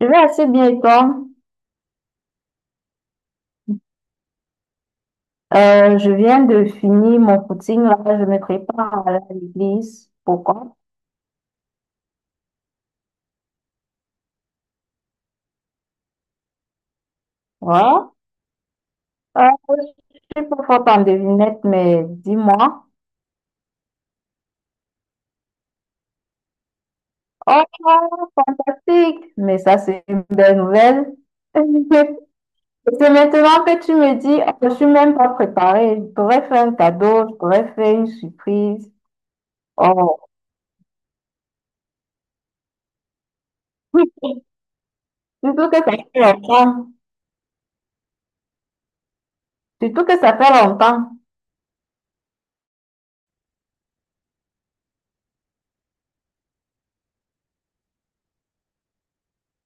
Je vais assez bien et toi? Je viens de finir mon footing là, je me prépare à aller à l'église. Pourquoi? Voilà. Euh, je suis pas forte en devinette, mais dis-moi. Oh, fantastique! Mais ça, c'est une belle nouvelle. C'est maintenant que tu me dis, oh, je suis même pas préparée. Je pourrais faire un cadeau, je pourrais faire une surprise. Oh, surtout que ça fait longtemps. Surtout que ça fait longtemps.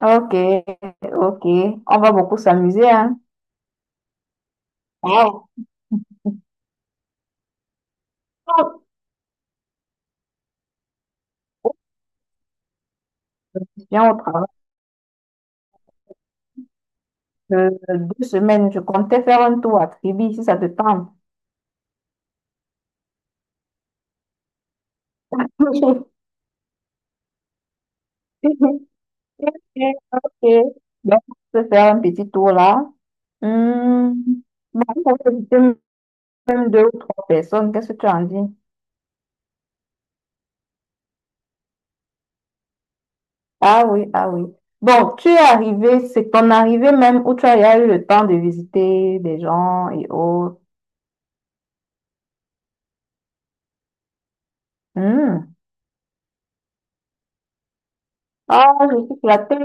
Ok, ok. On va beaucoup s'amuser, hein. Wow. Je viens au travail euh, 2 semaines. Je comptais faire un tour à Tribi, si ça te tente. Ok, ok. Donc, on peut faire un petit tour là. Hmm. Bon, on peut inviter même deux ou trois personnes. Qu'est-ce que tu en dis? Ah oui, ah oui. Bon, tu es arrivé, c'est ton arrivée même où tu as déjà eu le temps de visiter des gens et autres. Hmm. Ah, je suis flattée.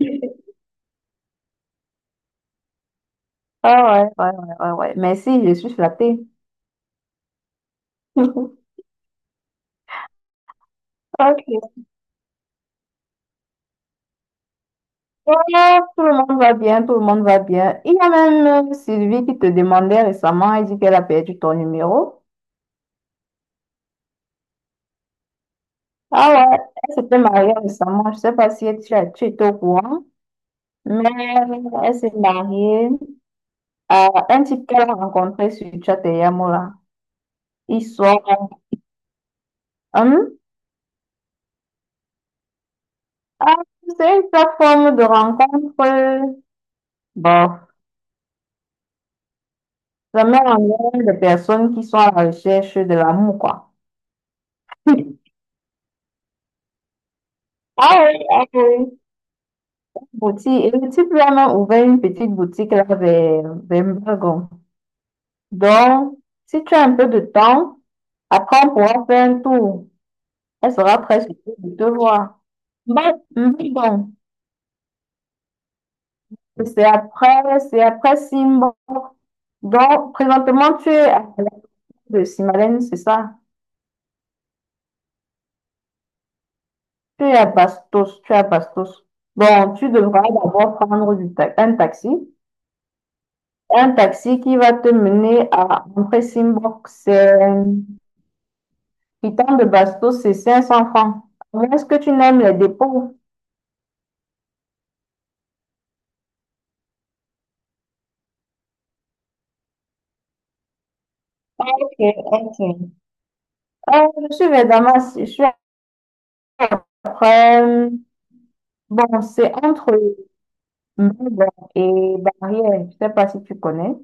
Ah ouais, ouais, ouais, ouais, ouais. Merci, je suis flattée. Ok. Ouais, tout le monde va bien, tout le monde va bien. Il y a même Sylvie qui te demandait récemment, elle dit qu'elle a perdu ton numéro. Ah ouais, elle s'était mariée récemment. Je sais pas si tu étais au courant, mais elle s'est mariée à un type qu'elle a rencontré sur Chateyamura. Ils sont. Hum? Ah, c'est une plateforme de rencontre. Bon. Vraiment, on est de personnes qui sont à la recherche de l'amour, quoi. Ah oui, ah oui. Boutique. Et le type lui a même ouvert une petite boutique là vers Mbagon. Donc, si tu as un peu de temps, après on pourra faire un tour. Elle sera très surprise de te voir. Bah, Mbagon. Et c'est après, c'est après Simba. Donc, présentement, tu es à la place de Simalène, c'est ça? Tu es à Bastos, tu es à Bastos. Bon, tu devras d'abord prendre un taxi. Un taxi qui va te mener à Simbok. C'est Piton de Bastos, c'est 500 francs. Est-ce que tu n'aimes les dépôts? Ok, ok. Je suis vers Damas. Je suis après. Bon, c'est entre Mbabane et Barrière. Je ne sais pas si tu connais.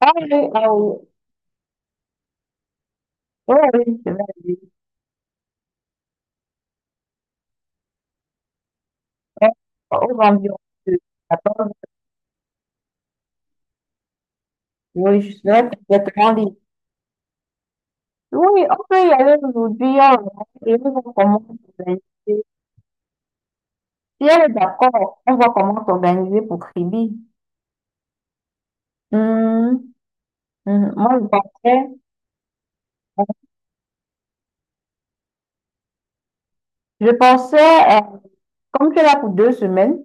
Ah oui, ah oui. Oui, oui, je vais aller. Euh, Aux environs de 14. Oui, je suis là complètement libre. Oui, on peut y aller aujourd'hui, on va et on voit comment s'organiser. Si elle est d'accord, on voit comment s'organiser pour Kribi. Hum, Moi, je pensais, comme tu es là pour 2 semaines,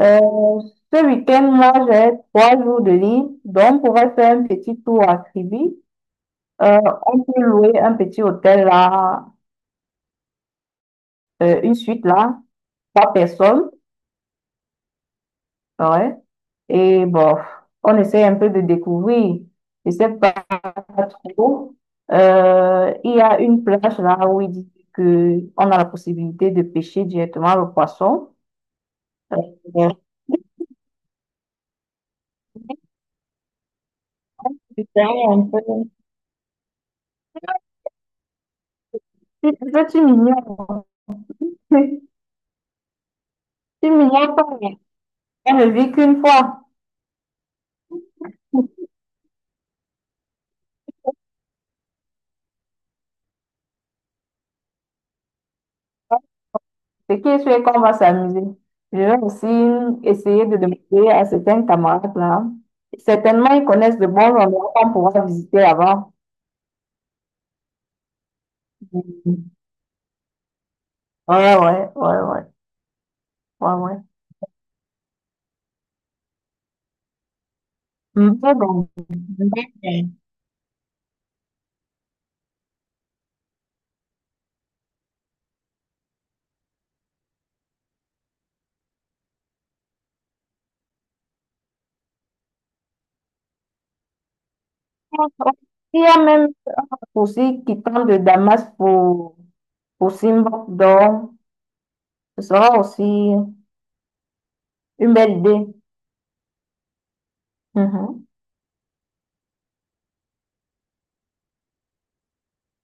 euh, ce week-end, moi, j'ai 3 jours de libre, donc on pourrait faire un petit tour à Kribi. Euh, on peut louer un petit hôtel là, une suite là, trois personnes. Ouais. Et bon, on essaie un peu de découvrir. Je sais pas trop. Il y a une plage là où il dit que on a la possibilité de pêcher directement le poisson. Euh, Tu sais, un peu- tu sais, tu m'ignores. Tu m'ignores pas. On ne vit qu'une fois. Ce qui est sûr c'est qu'on va s'amuser. Je vais aussi essayer de demander à certains camarades là. Certainement, ils connaissent de bons endroits qu'on pourra visiter avant. Ouais, ouais, ouais, ouais, ouais, ouais. Mais bon, mais- il y a même aussi qui tente de Damas pour Simba, donc ce sera aussi une belle idée. Mhm.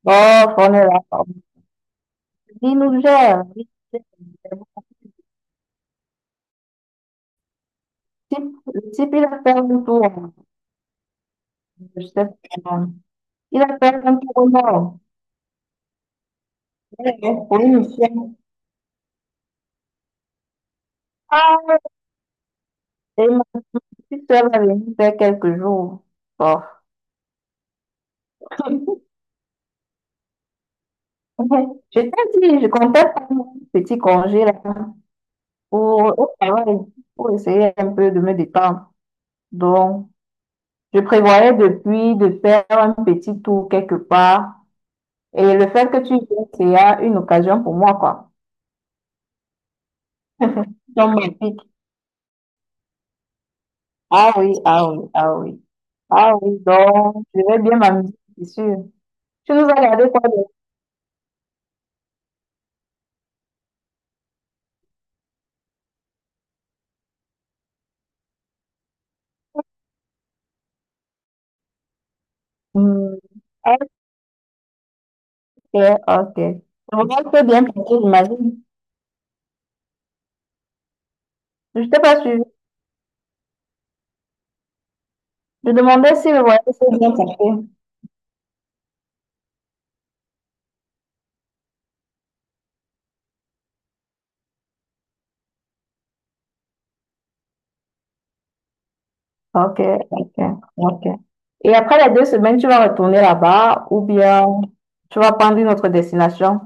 Bon, on est là. Il nous gère. Il nous gère. Le type, il a fait un tour. Je sais pas. Il a fait un tour au nord. Ouais, ouais, pour une chaîne. Ah, et ma petite soeur va venir faire quelques jours. Bon. Ouais. Je t'ai dit, je comptais prendre mon petit congé là pour, au travail, pour essayer un peu de me détendre. Donc, je prévoyais depuis de faire un petit tour quelque part. Et le fait que tu viennes, c'est une occasion pour moi, quoi. Donc, magnifique. Ah oui, ah oui, ah oui. Ah oui, donc, je vais bien m'amuser, c'est sûr. Tu nous as regardé quoi de. Hmm, ok, ok. Le voyage s'est bien passé, j'imagine. Je t'ai pas suivi. Je demandais si le voyage s'est bien passé. Ok, ok, ok. Et après les 2 semaines, tu vas retourner là-bas ou bien tu vas prendre une autre destination?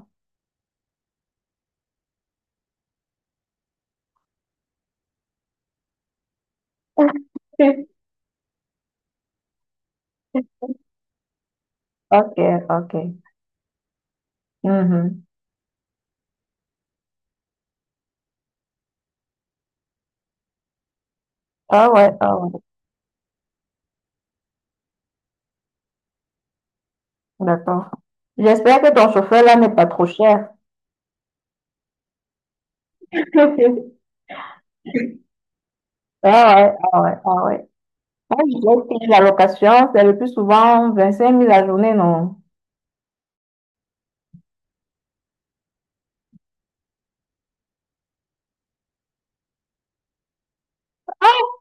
Ok, ok. Mhm. Ah ouais, ah ouais. D'accord. J'espère que ton chauffeur là n'est pas trop cher. Ah ouais, ah ouais, ah ouais. Moi, je dirais que la location, c'est le plus souvent vingt cinq 000 la journée, non?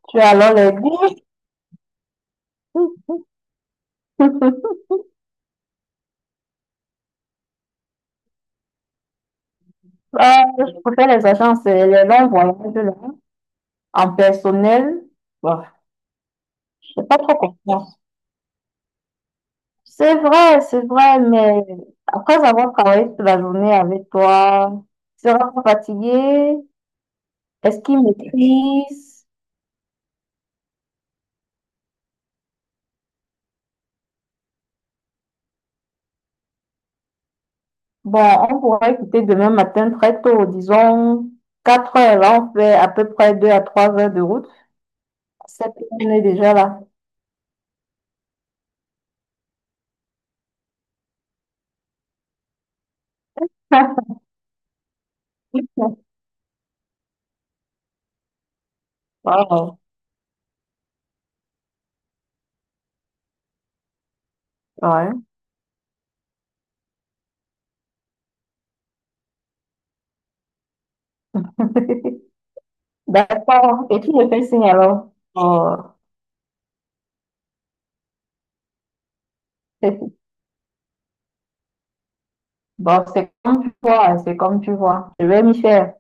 Tu as alors les dix. Ah, je préfère les agences, les longs voyages là, en personnel. Bon. C'est vrai, mais après avoir travaillé toute la journée avec toi, tu seras pas fatigué? Est-ce qu'il maîtrise? Bon, on pourra écouter demain matin très tôt, disons 4 heures. Là, on fait à peu près 2 à 3 heures de route. 7 heures, on est déjà là. Wow. Ouais. D'accord. Et tu me fais signe alors. Oh. Bon, c'est comme tu vois, c'est comme tu vois. Je vais m'y faire.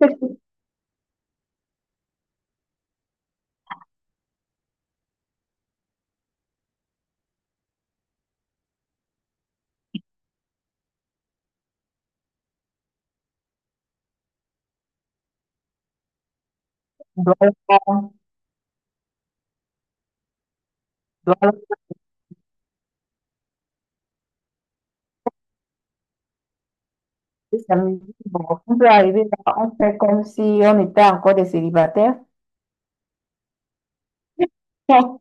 Voilà. Voilà. Et ça bon, on peut arriver là, on fait comme si on était encore des célibataires. Bon,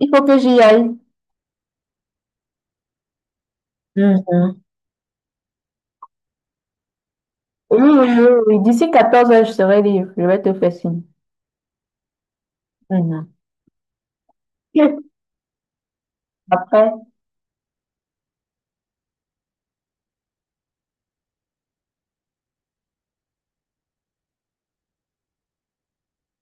il faut que j'y aille. Mhm, oui, oui, oui, oui. D'ici 14 heures, je serai libre. Je vais te faire signe. Mhm. Après.